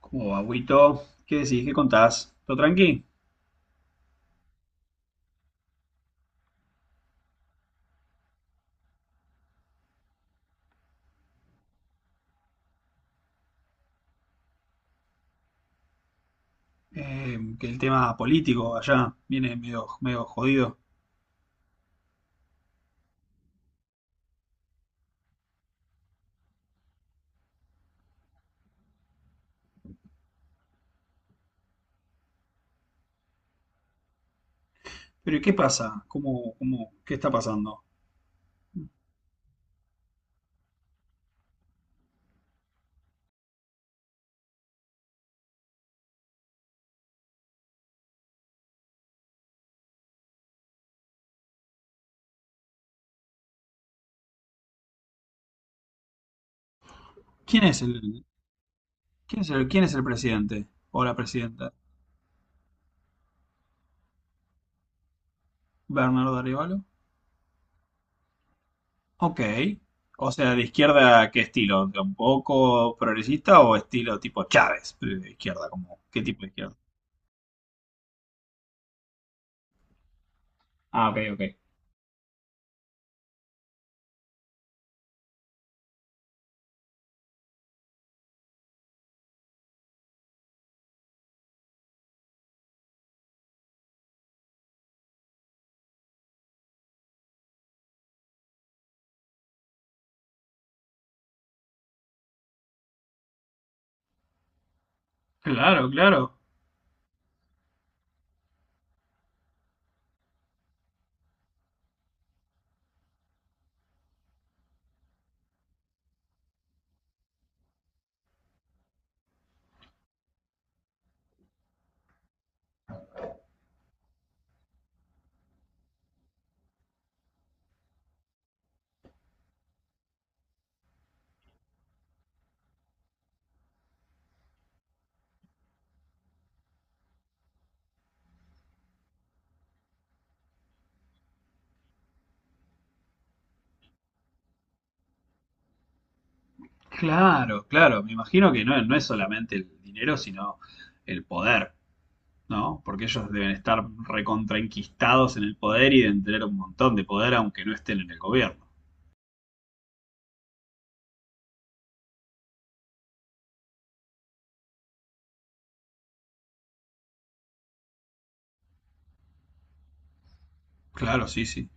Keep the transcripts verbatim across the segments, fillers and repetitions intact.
Como agüito, ¿qué decís? ¿Qué contás? ¿Todo tranqui? Eh, que el tema político allá viene medio, medio jodido. Pero ¿y qué pasa? ¿Cómo, cómo, qué está pasando? ¿Quién es el, quién es el, quién es el presidente o la presidenta? ¿Bernardo Arevalo? Ok. O sea, de izquierda, ¿qué estilo? ¿Un poco progresista o estilo tipo Chávez? Pero de izquierda, como, ¿qué tipo de izquierda? Ah, ok, ok. Claro, claro, claro, claro. Me imagino que no, no es solamente el dinero, sino el poder. ¿No? Porque ellos deben estar recontraenquistados en el poder y deben tener un montón de poder aunque no estén en el gobierno. Claro, sí, sí.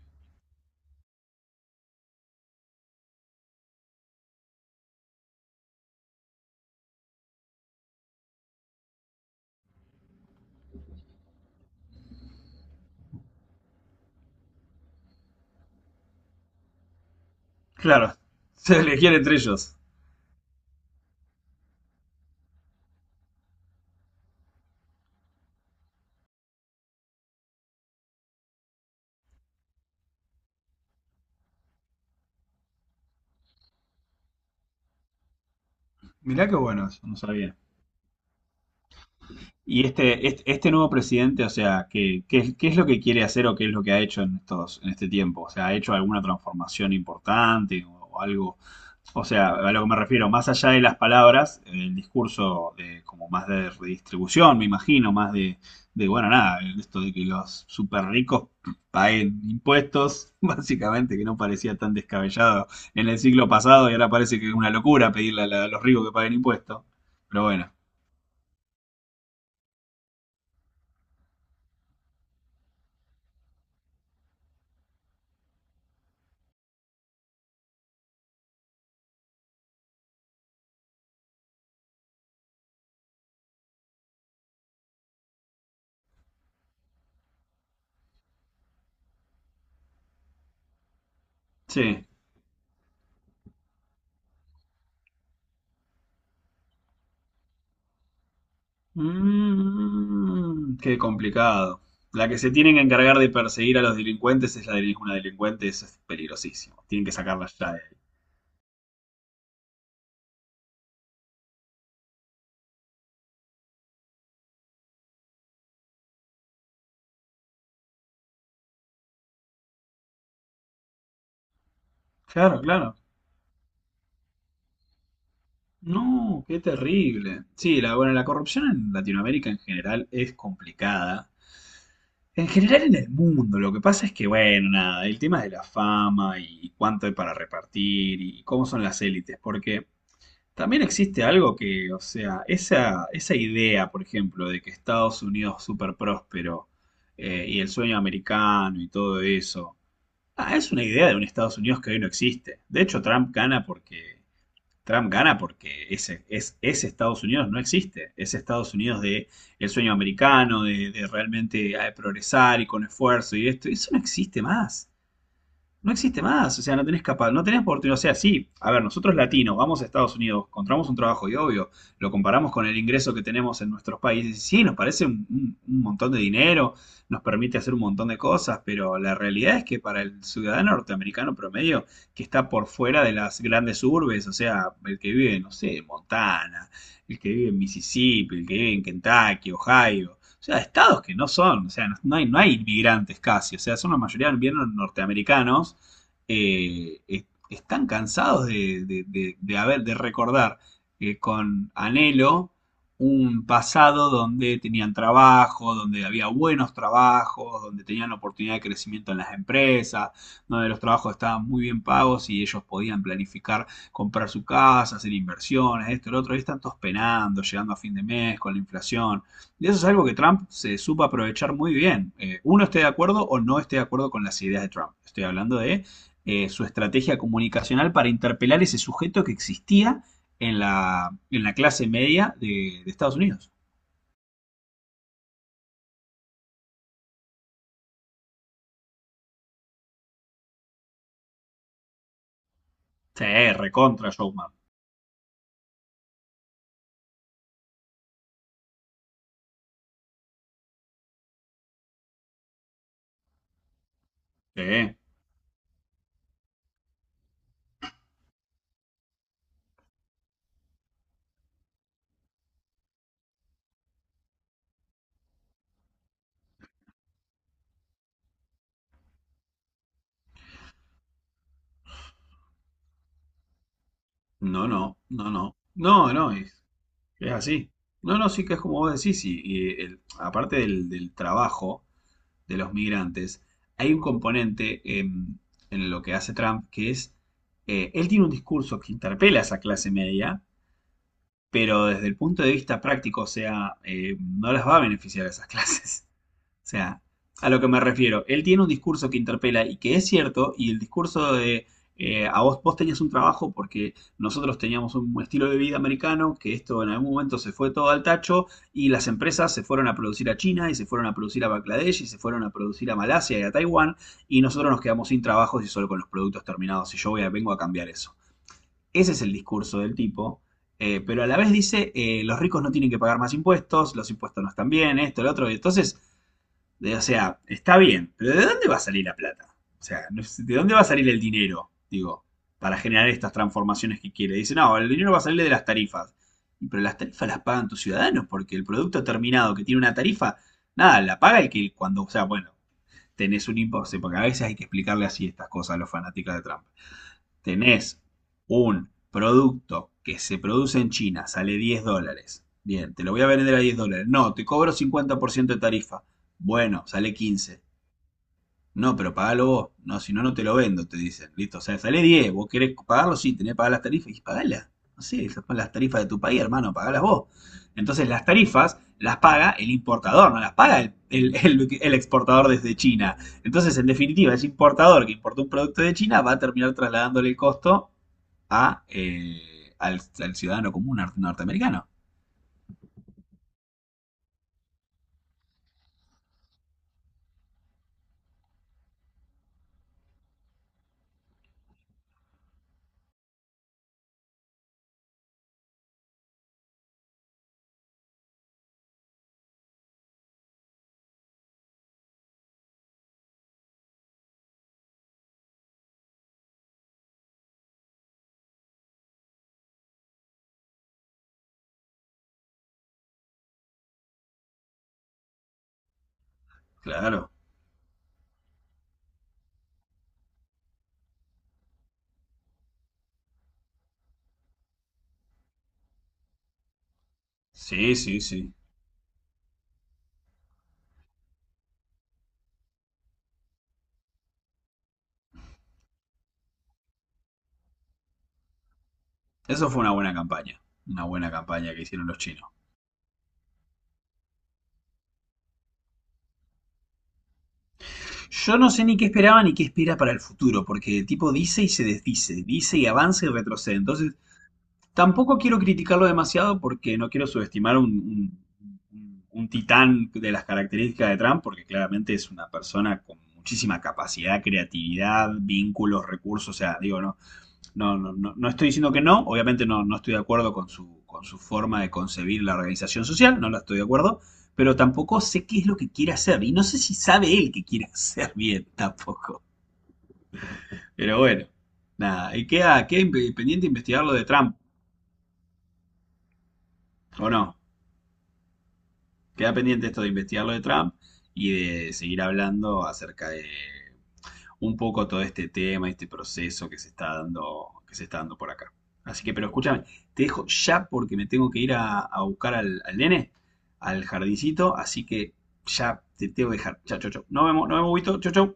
Claro, se elegían entre ellos. Mirá qué bueno eso, no sabía. Y este, este, este nuevo presidente, o sea, ¿qué, qué, es- qué es lo que quiere hacer o qué es lo que ha hecho en estos, en este tiempo? O sea, ¿ha hecho alguna transformación importante o, o algo? O sea, a lo que me refiero, más allá de las palabras, el discurso de, como más de redistribución, me imagino, más de, de, bueno, nada, esto de que los super ricos paguen impuestos, básicamente, que no parecía tan descabellado en el siglo pasado y ahora parece que es una locura pedirle a, la- a los ricos que paguen impuestos. Pero bueno, sí. Mm, qué complicado. La que se tienen que encargar de perseguir a los delincuentes es la de una delincuente, eso es peligrosísimo. Tienen que sacarla ya de ahí. Claro, claro. No, qué terrible. Sí, la, bueno, la corrupción en Latinoamérica en general es complicada. En general en el mundo, lo que pasa es que, bueno, nada, el tema de la fama y cuánto hay para repartir y cómo son las élites, porque también existe algo que, o sea, esa, esa idea, por ejemplo, de que Estados Unidos es súper próspero eh, y el sueño americano y todo eso, ah, es una idea de un Estados Unidos que hoy no existe. De hecho, Trump gana porque, Trump gana porque ese, es, ese Estados Unidos no existe. Ese Estados Unidos de el sueño americano, de, de realmente eh, progresar y con esfuerzo y esto, eso no existe más, no existe más, o sea, no tenés capaz, no tenés oportunidad, o sea, sí, a ver, nosotros latinos vamos a Estados Unidos, encontramos un trabajo y obvio, lo comparamos con el ingreso que tenemos en nuestros países, y sí, nos parece un, un- un montón de dinero, nos permite hacer un montón de cosas, pero la realidad es que para el ciudadano norteamericano promedio, que está por fuera de las grandes urbes, o sea, el que vive, no sé, en Montana, el que vive en Mississippi, el que vive en Kentucky, Ohio, o sea, estados que no son, o sea, no, no hay, no hay inmigrantes casi, o sea, son la mayoría bien norteamericanos, eh, eh, están cansados de, de, de- de haber, de recordar eh, con anhelo un pasado donde tenían trabajo, donde había buenos trabajos, donde tenían oportunidad de crecimiento en las empresas, donde los trabajos estaban muy bien pagos y ellos podían planificar comprar su casa, hacer inversiones, esto, lo otro, y están todos penando, llegando a fin de mes con la inflación. Y eso es algo que Trump se supo aprovechar muy bien. Eh, uno esté de acuerdo o no esté de acuerdo con las ideas de Trump. Estoy hablando de eh, su estrategia comunicacional para interpelar ese sujeto que existía en la, en la clase media de, de Estados Unidos. Sí, recontra Showman. Sí. No, no, no, no. No, no, es, es así. No, no, sí que es como vos decís. Y, y el- aparte del, del trabajo, de los migrantes, hay un componente eh, en lo que hace Trump que es, eh, él tiene un discurso que interpela a esa clase media, pero desde el punto de vista práctico, o sea, eh, no las va a beneficiar a esas clases. O sea, a lo que me refiero, él tiene un discurso que interpela y que es cierto, y el discurso de eh, a vos, vos tenías un trabajo porque nosotros teníamos un estilo de vida americano, que esto en algún momento se fue todo al tacho, y las empresas se fueron a producir a China, y se fueron a producir a Bangladesh, y se fueron a producir a Malasia y a Taiwán, y nosotros nos quedamos sin trabajos y solo con los productos terminados, y yo voy a- vengo a cambiar eso. Ese es el discurso del tipo. eh, pero a la vez dice, eh, los ricos no tienen que pagar más impuestos, los impuestos no están bien, esto, lo otro. Y entonces, o sea, está bien, pero ¿de dónde va a salir la plata? O sea, no, ¿de dónde va a salir el dinero? Digo, para generar estas transformaciones que quiere. Dice, no, el dinero va a salir de las tarifas. Pero las tarifas las pagan tus ciudadanos, porque el producto terminado que tiene una tarifa, nada, la paga el que cuando, o sea, bueno, tenés un impuesto, porque a veces hay que explicarle así estas cosas a los fanáticos de Trump, tenés un producto que se produce en China, sale diez dólares. Bien, te lo voy a vender a diez dólares. No, te cobro cincuenta por ciento de tarifa. Bueno, sale quince. No, pero pagalo vos. No, si no, no te lo vendo, te dicen. Listo, o sea, sale diez. ¿Vos querés pagarlo? Sí, tenés que pagar las tarifas. Y pagalas. No sé, esas son las tarifas de tu país, hermano, pagalas vos. Entonces, las tarifas las paga el importador, no las paga el, el- el- el exportador desde China. Entonces, en definitiva, ese importador que importó un producto de China va a terminar trasladándole el costo a, eh, al, al ciudadano común nor- norteamericano. Claro. Sí, sí, sí. Eso fue una buena campaña. Una buena campaña que hicieron los chinos. Yo no sé ni qué esperaba ni qué espera para el futuro, porque el tipo dice y se desdice, dice y avanza y retrocede. Entonces, tampoco quiero criticarlo demasiado porque no quiero subestimar un, un- un- un titán de las características de Trump, porque claramente es una persona con muchísima capacidad, creatividad, vínculos, recursos. O sea, digo, no, no, no, no, no estoy diciendo que no, obviamente no, no estoy de acuerdo con su, con su forma de concebir la organización social, no la estoy de acuerdo, pero tampoco sé qué es lo que quiere hacer y no sé si sabe él que quiere hacer bien tampoco. Pero bueno, nada, y queda, queda imp- pendiente investigar lo de Trump, ¿o no? Queda pendiente esto de investigar lo de Trump y de seguir hablando acerca de un poco todo este tema, este proceso que se está dando, que se está dando por acá. Así que, pero escúchame, te dejo ya porque me tengo que ir a, a buscar al, al nene, al jardincito, así que ya te tengo que dejar. Chao, chao, chao. Nos vemos, nos vemos, Huguito. Chao, chao.